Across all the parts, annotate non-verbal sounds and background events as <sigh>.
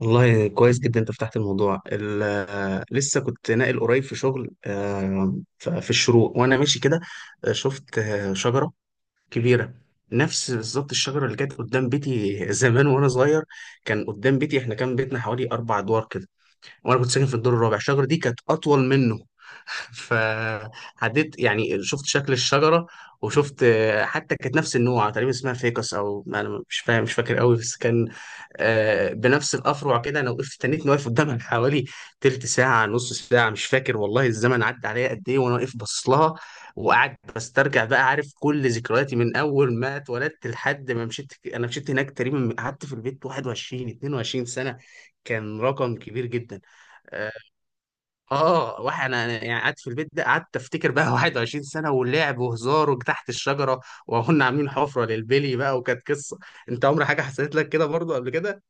والله كويس جدا، انت فتحت الموضوع لسه كنت ناقل قريب في شغل، في الشروق وانا ماشي كده. شفت شجره كبيره، نفس بالظبط الشجره اللي كانت قدام بيتي زمان وانا صغير. كان قدام بيتي، احنا كان بيتنا حوالي 4 ادوار كده، وانا كنت ساكن في الدور الرابع. الشجره دي كانت اطول منه. <laughs> فعديت، يعني شفت شكل الشجره. وشفت حتى كانت نفس النوع تقريبا، اسمها فيكس او ما انا مش فاهم مش فاكر قوي، بس كان بنفس الافرع كده. انا وقفت، تنيت واقف قدامها <laughs> حوالي تلت ساعه، نص ساعه، مش فاكر. والله الزمن عدى عليا قد ايه وانا واقف باصص لها. وقعد بسترجع بقى، عارف، كل ذكرياتي من اول ما اتولدت لحد ما مشيت. انا مشيت هناك تقريبا. قعدت في البيت 21 22 سنه، كان رقم كبير جدا. اه واحد انا يعني قعدت في البيت ده، قعدت افتكر بقى <laughs> 21 سنه، ولعب وهزار وتحت الشجره، وكنا عاملين حفره للبلي بقى، وكانت قصه. انت عمر حاجه حصلت لك كده برضو قبل كده؟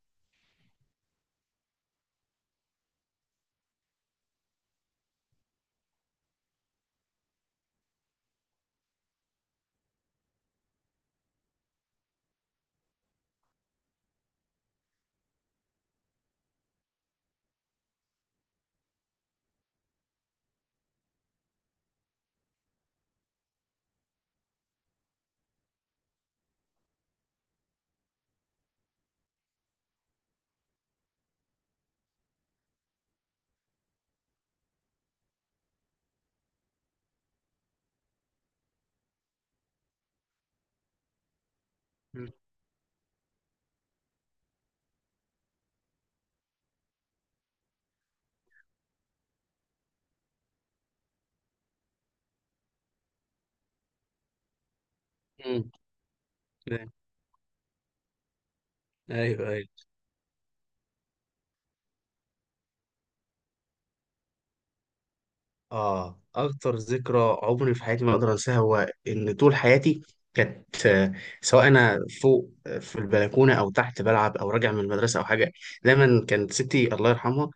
امم. ايوه، ايوه. اه، اكتر ذكرى عمري في حياتي ما اقدر انساها، هو ان طول حياتي كانت سواء انا فوق في البلكونه او تحت بلعب او راجع من المدرسه او حاجه، دايما كانت ستي الله يرحمها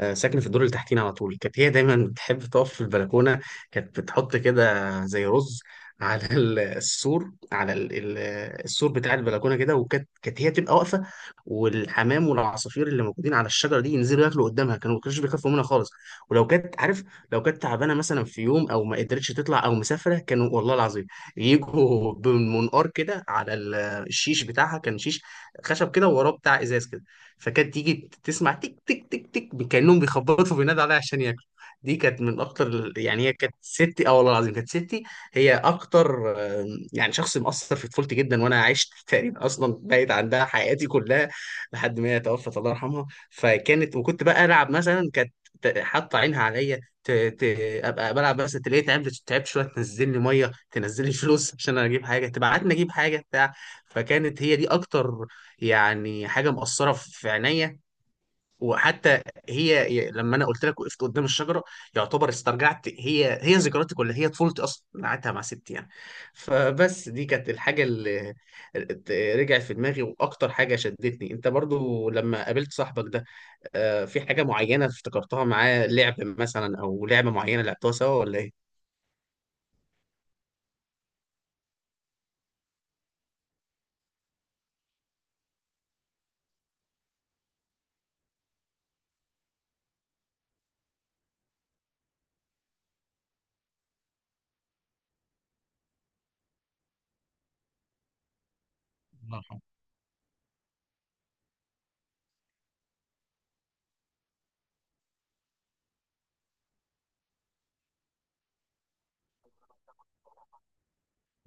ساكنه في الدور اللي تحتينا على طول. كانت هي دايما بتحب تقف في البلكونه، كانت بتحط كده زي رز على السور، على السور بتاع البلكونه كده، وكانت هي تبقى واقفه. والحمام والعصافير اللي موجودين على الشجره دي ينزلوا ياكلوا قدامها، ما كانوش بيخافوا منها خالص. ولو كانت عارف لو كانت تعبانه مثلا في يوم، او ما قدرتش تطلع، او مسافره، كانوا والله العظيم يجوا <laughs> بمنقار كده على الشيش بتاعها. كان شيش خشب كده ووراه بتاع ازاز كده، فكانت تيجي تسمع تك تك تك تك، كأنهم بيخبطوا، بينادوا عليها عشان ياكلوا. دي كانت من اكتر يعني هي كانت ستي، اه والله العظيم كانت ستي. هي اكتر آم، يعني شخص مؤثر في طفولتي جدا، وانا عشت تقريبا اصلا بعيد عندها حياتي كلها، لحد ما هي توفت الله يرحمها. وكنت بقى العب مثلا، كانت حاطه عينها عليا ابقى بلعب، بس تلاقيها تعبت، تعبت شويه، تنزل لي ميه، تنزل لي فلوس عشان انا اجيب حاجه، تبعتني اجيب حاجه بتاع. فكانت هي دي اكتر يعني حاجه مأثره في عينيا. وحتى لما انا قلت لك وقفت قدام الشجره، يعتبر استرجعت هي ذكرياتي كلها، هي طفولتي اصلا انا قعدتها مع ستي يعني. فبس دي كانت الحاجه اللي رجعت في دماغي، واكتر حاجه شدتني، انت برضو لما قابلت صاحبك ده في حاجه معينه افتكرتها معاه، لعب مثلا، او لعبه معينه لعبتوها سوا، ولا ايه؟ الله يرحمه.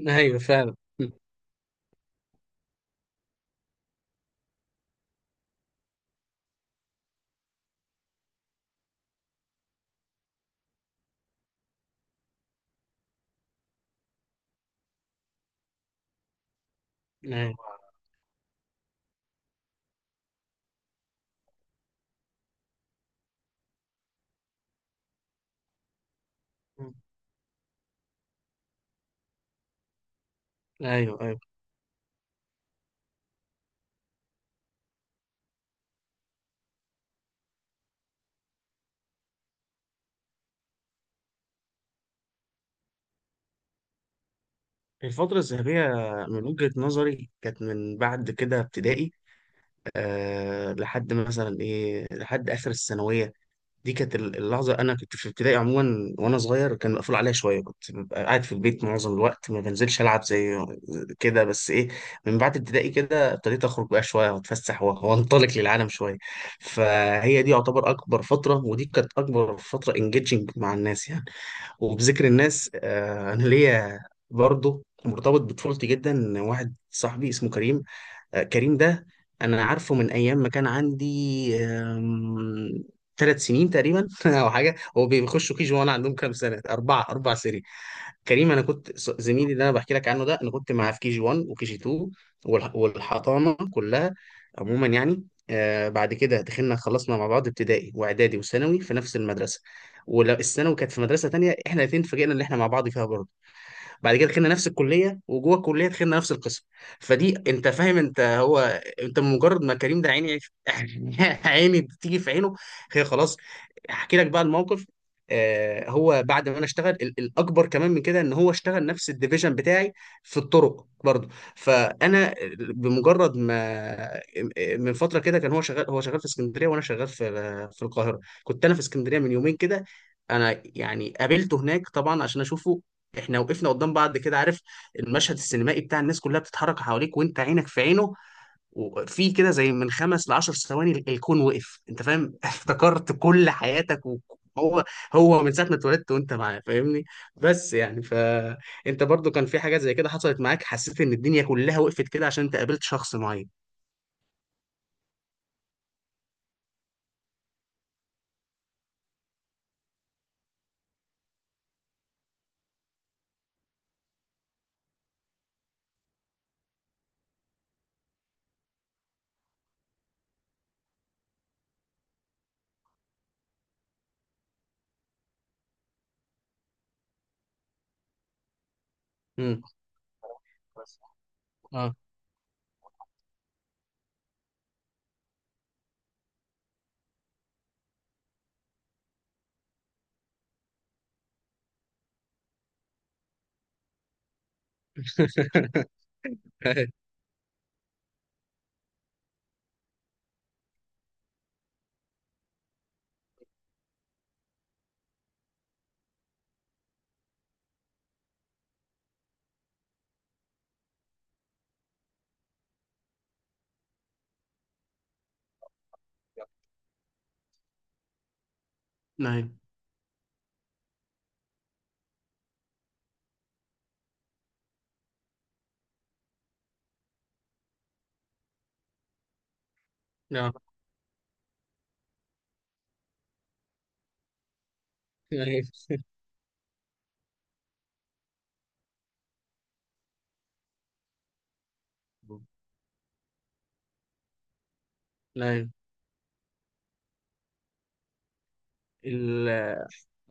ايوه، فعلا. <laughs> ايوه، ايوه، ايوه. الفترة الذهبية من وجهة نظري كانت من بعد كده ابتدائي، أه لحد مثلا إيه لحد آخر الثانوية. دي كانت اللحظة. أنا كنت في ابتدائي عموما، وأنا صغير كان مقفول عليا شوية، كنت ببقى قاعد في البيت معظم الوقت، ما بنزلش ألعب زي كده، بس إيه، من بعد ابتدائي كده ابتديت أخرج بقى شوية، وأتفسح، وأنطلق للعالم شوية. فهي دي يعتبر أكبر فترة، ودي كانت أكبر فترة انجيجنج مع الناس يعني. وبذكر الناس، انا ليا برضه مرتبط بطفولتي جدا، واحد صاحبي اسمه كريم. كريم ده انا عارفه من ايام ما كان عندي 3 سنين تقريبا <laughs> او حاجه. هو بيخشوا كيجي وانا عندهم كام سنه؟ 4 سنين. كريم، انا كنت زميلي اللي انا بحكي لك عنه ده، انا كنت معاه في كي جي 1 وكي جي 2، والحضانه كلها عموما يعني. بعد كده دخلنا، خلصنا مع بعض ابتدائي واعدادي وثانوي في نفس المدرسه. والثانوي كانت في مدرسه تانية، احنا الاثنين اتفاجئنا ان احنا مع بعض فيها برضه. بعد كده دخلنا نفس الكليه، وجوه الكليه دخلنا نفس القسم. فدي انت فاهم، انت هو انت مجرد ما كريم ده، عيني <laughs> عيني بتيجي في عينه، هي خلاص. احكي لك بقى الموقف. هو بعد ما انا اشتغل، الاكبر كمان من كده ان هو اشتغل نفس الديفيجن بتاعي، في الطرق برضه. فانا بمجرد ما، من فتره كده، كان هو شغال في اسكندريه وانا شغال في القاهره. كنت انا في اسكندريه من يومين كده، انا يعني قابلته هناك طبعا عشان اشوفه. احنا وقفنا قدام بعض كده، عارف المشهد السينمائي بتاع الناس كلها بتتحرك حواليك وانت عينك في عينه. وفي كده زي من خمس لعشر ثواني، الكون وقف، انت فاهم؟ <laughs> افتكرت كل حياتك، وهو من ساعة ما اتولدت وانت معاه، فاهمني. بس يعني، فانت برضو كان في حاجات زي كده حصلت معاك، حسيت ان الدنيا كلها وقفت كده عشان انت قابلت شخص معين؟ امم. اه. <laughs> نعم، نعم، نعم، نعم. <laughs> ال-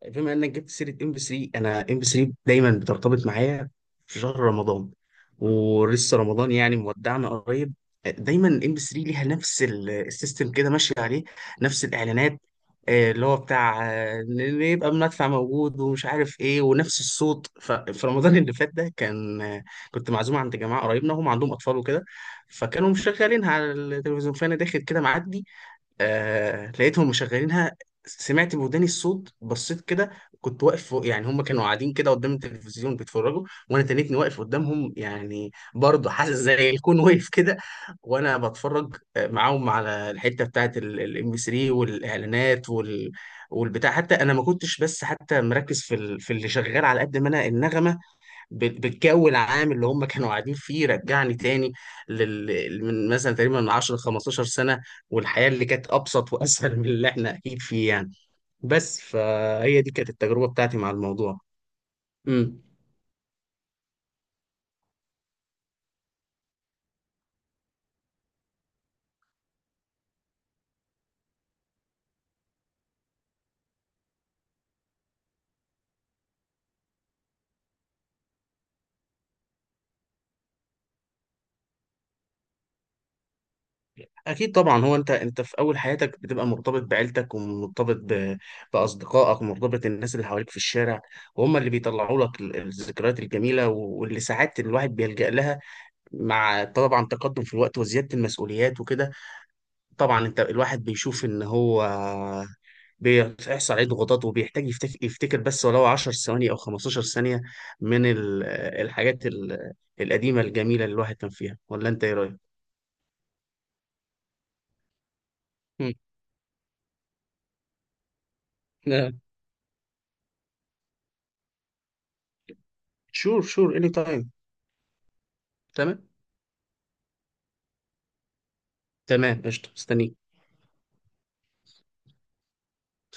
بما انك جبت سيره ام بي 3، انا ام بي 3 دايما بترتبط معايا في شهر رمضان، ولسه رمضان يعني مودعنا قريب. دايما ام بي 3 ليها نفس السيستم كده ماشي عليه، نفس الاعلانات. اللي هو بتاع إن يبقى المدفع موجود ومش عارف ايه ونفس الصوت. ففي رمضان اللي فات ده كان آه، كنت معزوم عند جماعه قريبنا، هم عندهم اطفال وكده. فكانوا مشغلينها على التلفزيون، فانا داخل كده معدي، لقيتهم مشغلينها. سمعت بوداني الصوت، بصيت كده. كنت واقف فوق يعني، هم كانوا قاعدين كده قدام التلفزيون بيتفرجوا، وانا تنيتني واقف قدامهم يعني، برضه حاسس زي الكون واقف كده، وانا بتفرج معاهم على الحته بتاعت الام بي 3 والاعلانات والبتاع. حتى انا ما كنتش بس حتى مركز في في اللي شغال، على قد ما انا النغمه، بالجو العام اللي هم كانوا قاعدين فيه، رجعني تاني من مثلا تقريبا من 10 ل 15 سنة، والحياة اللي كانت أبسط وأسهل <laughs> من اللي احنا أكيد فيه يعني. بس فهي دي كانت التجربة بتاعتي مع الموضوع. امم. أكيد طبعا. هو أنت في أول حياتك بتبقى مرتبط بعيلتك، ومرتبط بأصدقائك ومرتبط الناس اللي حواليك في الشارع، وهم اللي بيطلعوا لك الذكريات الجميلة، واللي ساعات الواحد بيلجأ لها، مع طبعا تقدم في الوقت وزيادة المسؤوليات وكده. طبعا انت الواحد بيشوف ان هو بيحصل عليه ضغوطات، وبيحتاج يفتكر بس ولو 10 ثواني او 15 ثانية من الحاجات القديمة الجميلة اللي الواحد كان فيها، ولا انت ايه رأيك؟ مم. لا، شور شور اني تايم. تمام، تمام، قشطة، مستنيك.